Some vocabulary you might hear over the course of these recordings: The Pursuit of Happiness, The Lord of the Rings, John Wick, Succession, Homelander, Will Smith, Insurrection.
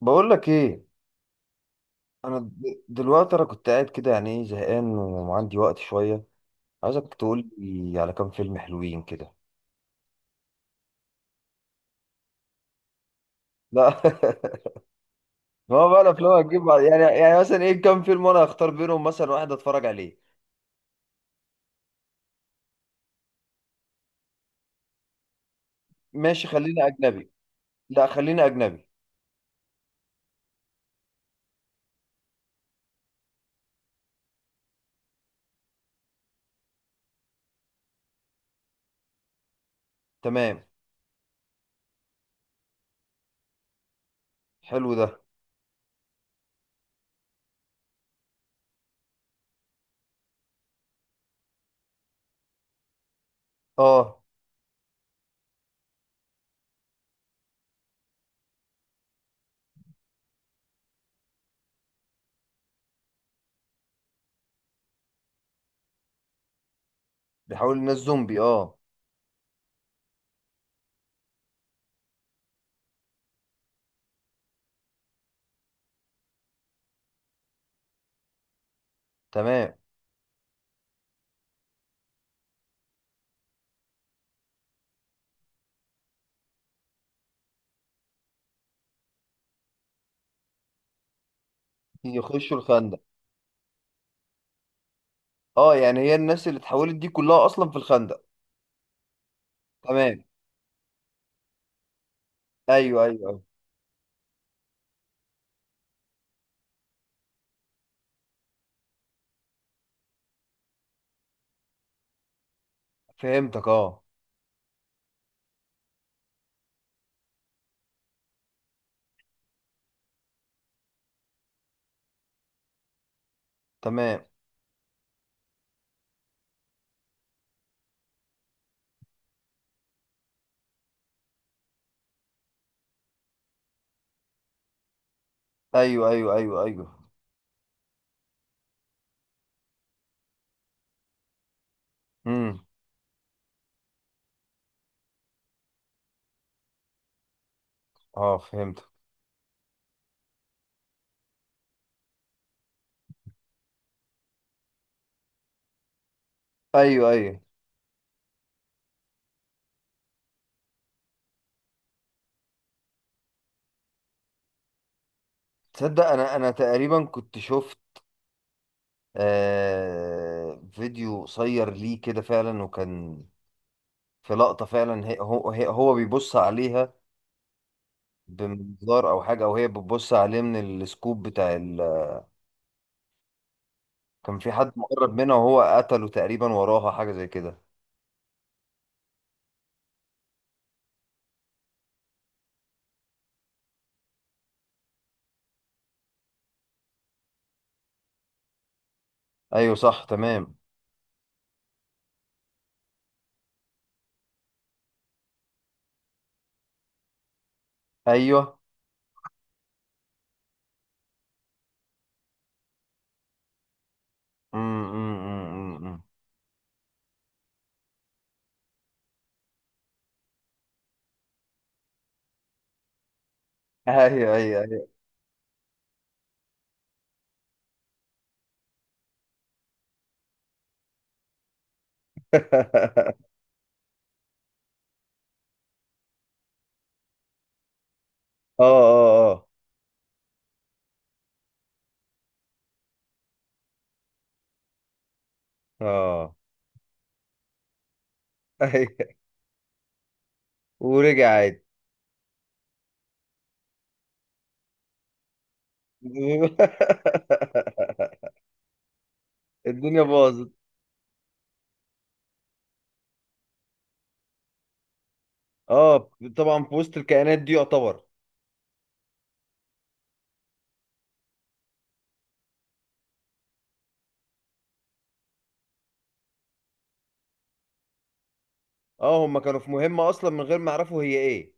بقول لك ايه؟ دلوقتي انا كنت قاعد كده، يعني ايه، زهقان وعندي وقت شويه. عايزك تقول لي على كام فيلم حلوين كده. لا ما هو بقى الافلام هتجيب بعض. يعني مثلا ايه، كام فيلم وانا هختار بينهم مثلا واحد اتفرج عليه. ماشي، خلينا اجنبي. لا، خلينا اجنبي. تمام. حلو ده. اه. بيحاول الناس زومبي، اه. تمام. يخشوا الخندق. اه، يعني هي الناس اللي اتحولت دي كلها اصلا في الخندق؟ تمام. ايوه ايوه, أيوة. فهمتك، اه. تمام. ايوه ايوه ايوه ايوه. امم. اه، فهمت. ايوه ايوه. تصدق انا تقريبا كنت شفت فيديو قصير ليه كده فعلا، وكان في لقطة فعلا، هي هو بيبص عليها بمنظار او حاجة، او هي بتبص عليه من السكوب بتاع. كان في حد مقرب منها وهو قتله تقريبا، وراها حاجة زي كده. ايوه صح، تمام. ايوه. أمم. ايوه ايوه ايوه. اه اه اه اه. ايوه. ورجع عادي. الدنيا باظت. اه، طبعا في وسط الكائنات دي يعتبر. اه، هم كانوا في مهمة اصلا من غير ما يعرفوا هي ايه.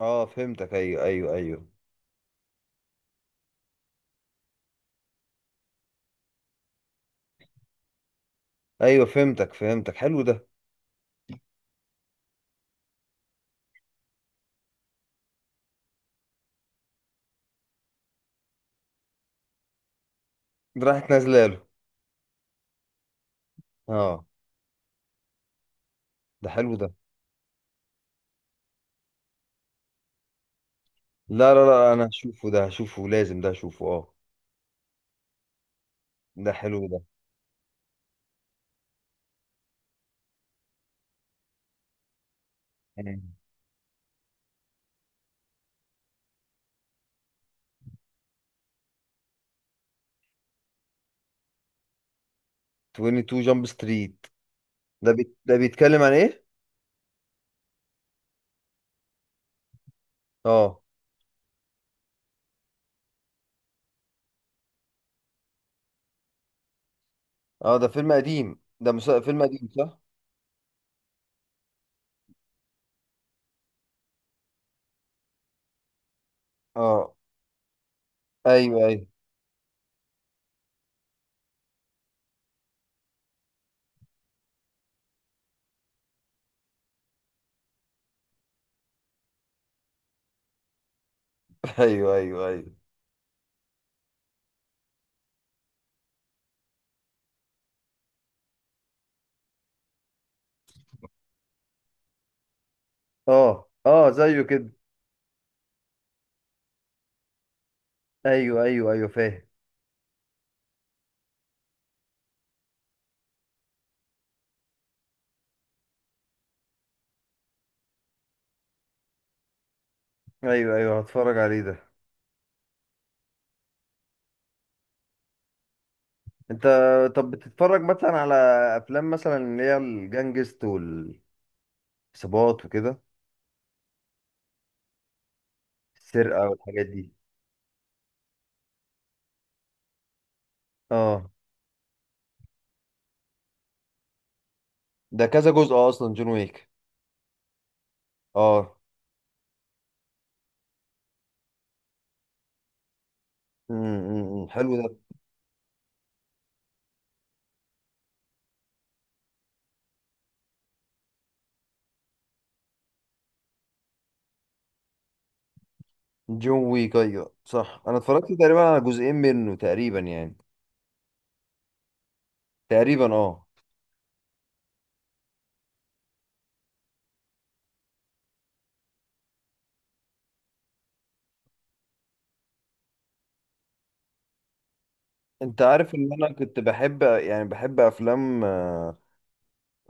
اه، فهمتك. ايوه ايوه ايوه. ايوه فهمتك فهمتك، حلو ده. ده راحت نازله له. اه. ده حلو ده. لا لا لا، انا هشوفه، ده هشوفه لازم، ده هشوفه، اه. ده حلو ده. مم. 22 جامب ستريت. ده بيتكلم عن ايه؟ اه اه. ده فيلم قديم، فيلم قديم صح؟ اه. ايوه ايوه. ايوه ايوه ايوه. اه اه، زيه كده. ايوه ايوه ايوه، فاهم. ايوه ايوه، هتفرج عليه ده. انت، طب بتتفرج مثلا على افلام مثلا اللي هي الجانجست والعصابات وكده، السرقه والحاجات دي. اه، ده كذا جزء اصلا جون ويك. اه. امم، حلو ده. جون ويك، ايوه صح، انا اتفرجت تقريبا على جزئين منه تقريبا يعني. تقريبا اه. انت عارف ان انا كنت بحب، يعني بحب افلام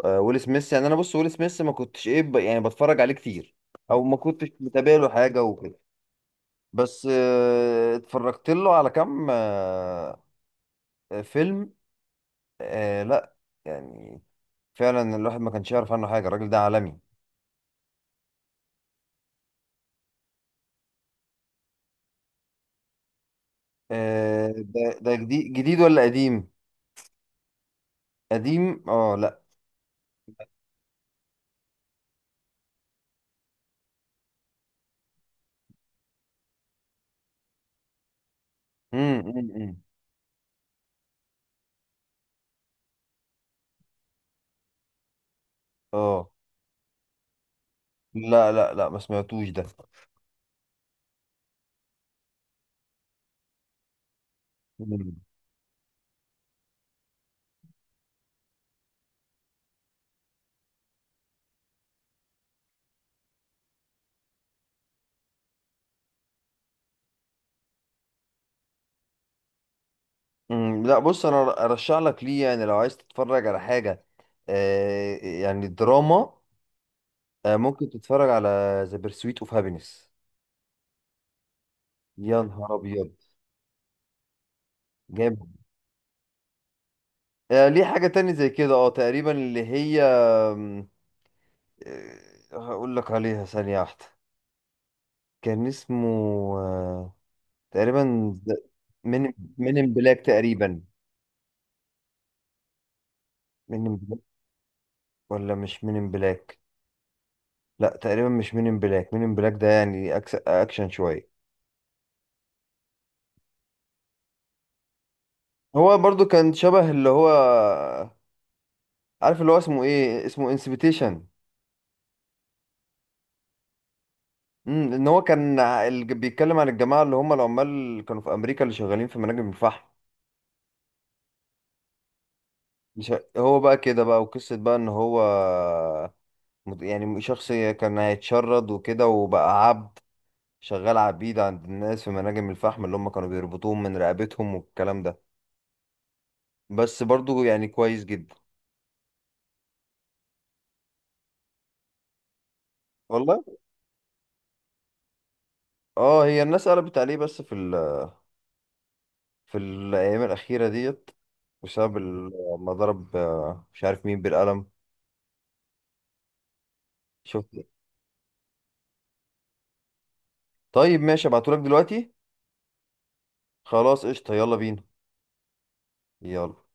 ويل سميث. يعني انا بص ويل سميث ما كنتش ايه يعني بتفرج عليه كتير، او ما كنتش متابع له حاجه وكده. بس اتفرجت له على كام فيلم. لا يعني، فعلا الواحد ما كانش يعرف عنه حاجه، الراجل ده عالمي. ده جديد ولا قديم؟ قديم اه، لا. إمم. اه، لا لا لا، ما سمعتوش ده. مم. مم، لا بص، انا ارشح لك ليه يعني لو عايز تتفرج على حاجه، يعني دراما، ممكن تتفرج على ذا بيرسويت اوف هابينس. يا نهار ابيض. جامد. ليه حاجة تانية زي كده، اه تقريبا اللي هي آه، هقول لك عليها ثانية واحدة، كان اسمه آه، تقريبا من من ان بلاك تقريبا. من ان بلاك، ولا مش من ان بلاك؟ لا تقريبا مش من ان بلاك، من ان بلاك ده يعني اكشن شوية. هو برضو كان شبه اللي هو، عارف اللي هو اسمه ايه، اسمه انسبيتيشن. امم، ان هو كان بيتكلم عن الجماعه اللي هم العمال اللي كانوا في امريكا اللي شغالين في مناجم الفحم. مش هو بقى كده بقى، وقصه بقى ان هو يعني شخص كان هيتشرد وكده وبقى عبد، شغال عبيد عند الناس في مناجم الفحم اللي هم كانوا بيربطوهم من رقبتهم والكلام ده. بس برضو يعني كويس جدا. والله. اه هي الناس قلبت عليه بس في في الايام الاخيره ديت، بسبب ما ضرب مش عارف مين بالقلم. شفت. طيب ماشي، ابعتهولك دلوقتي. خلاص قشطة، يلا بينا. يلا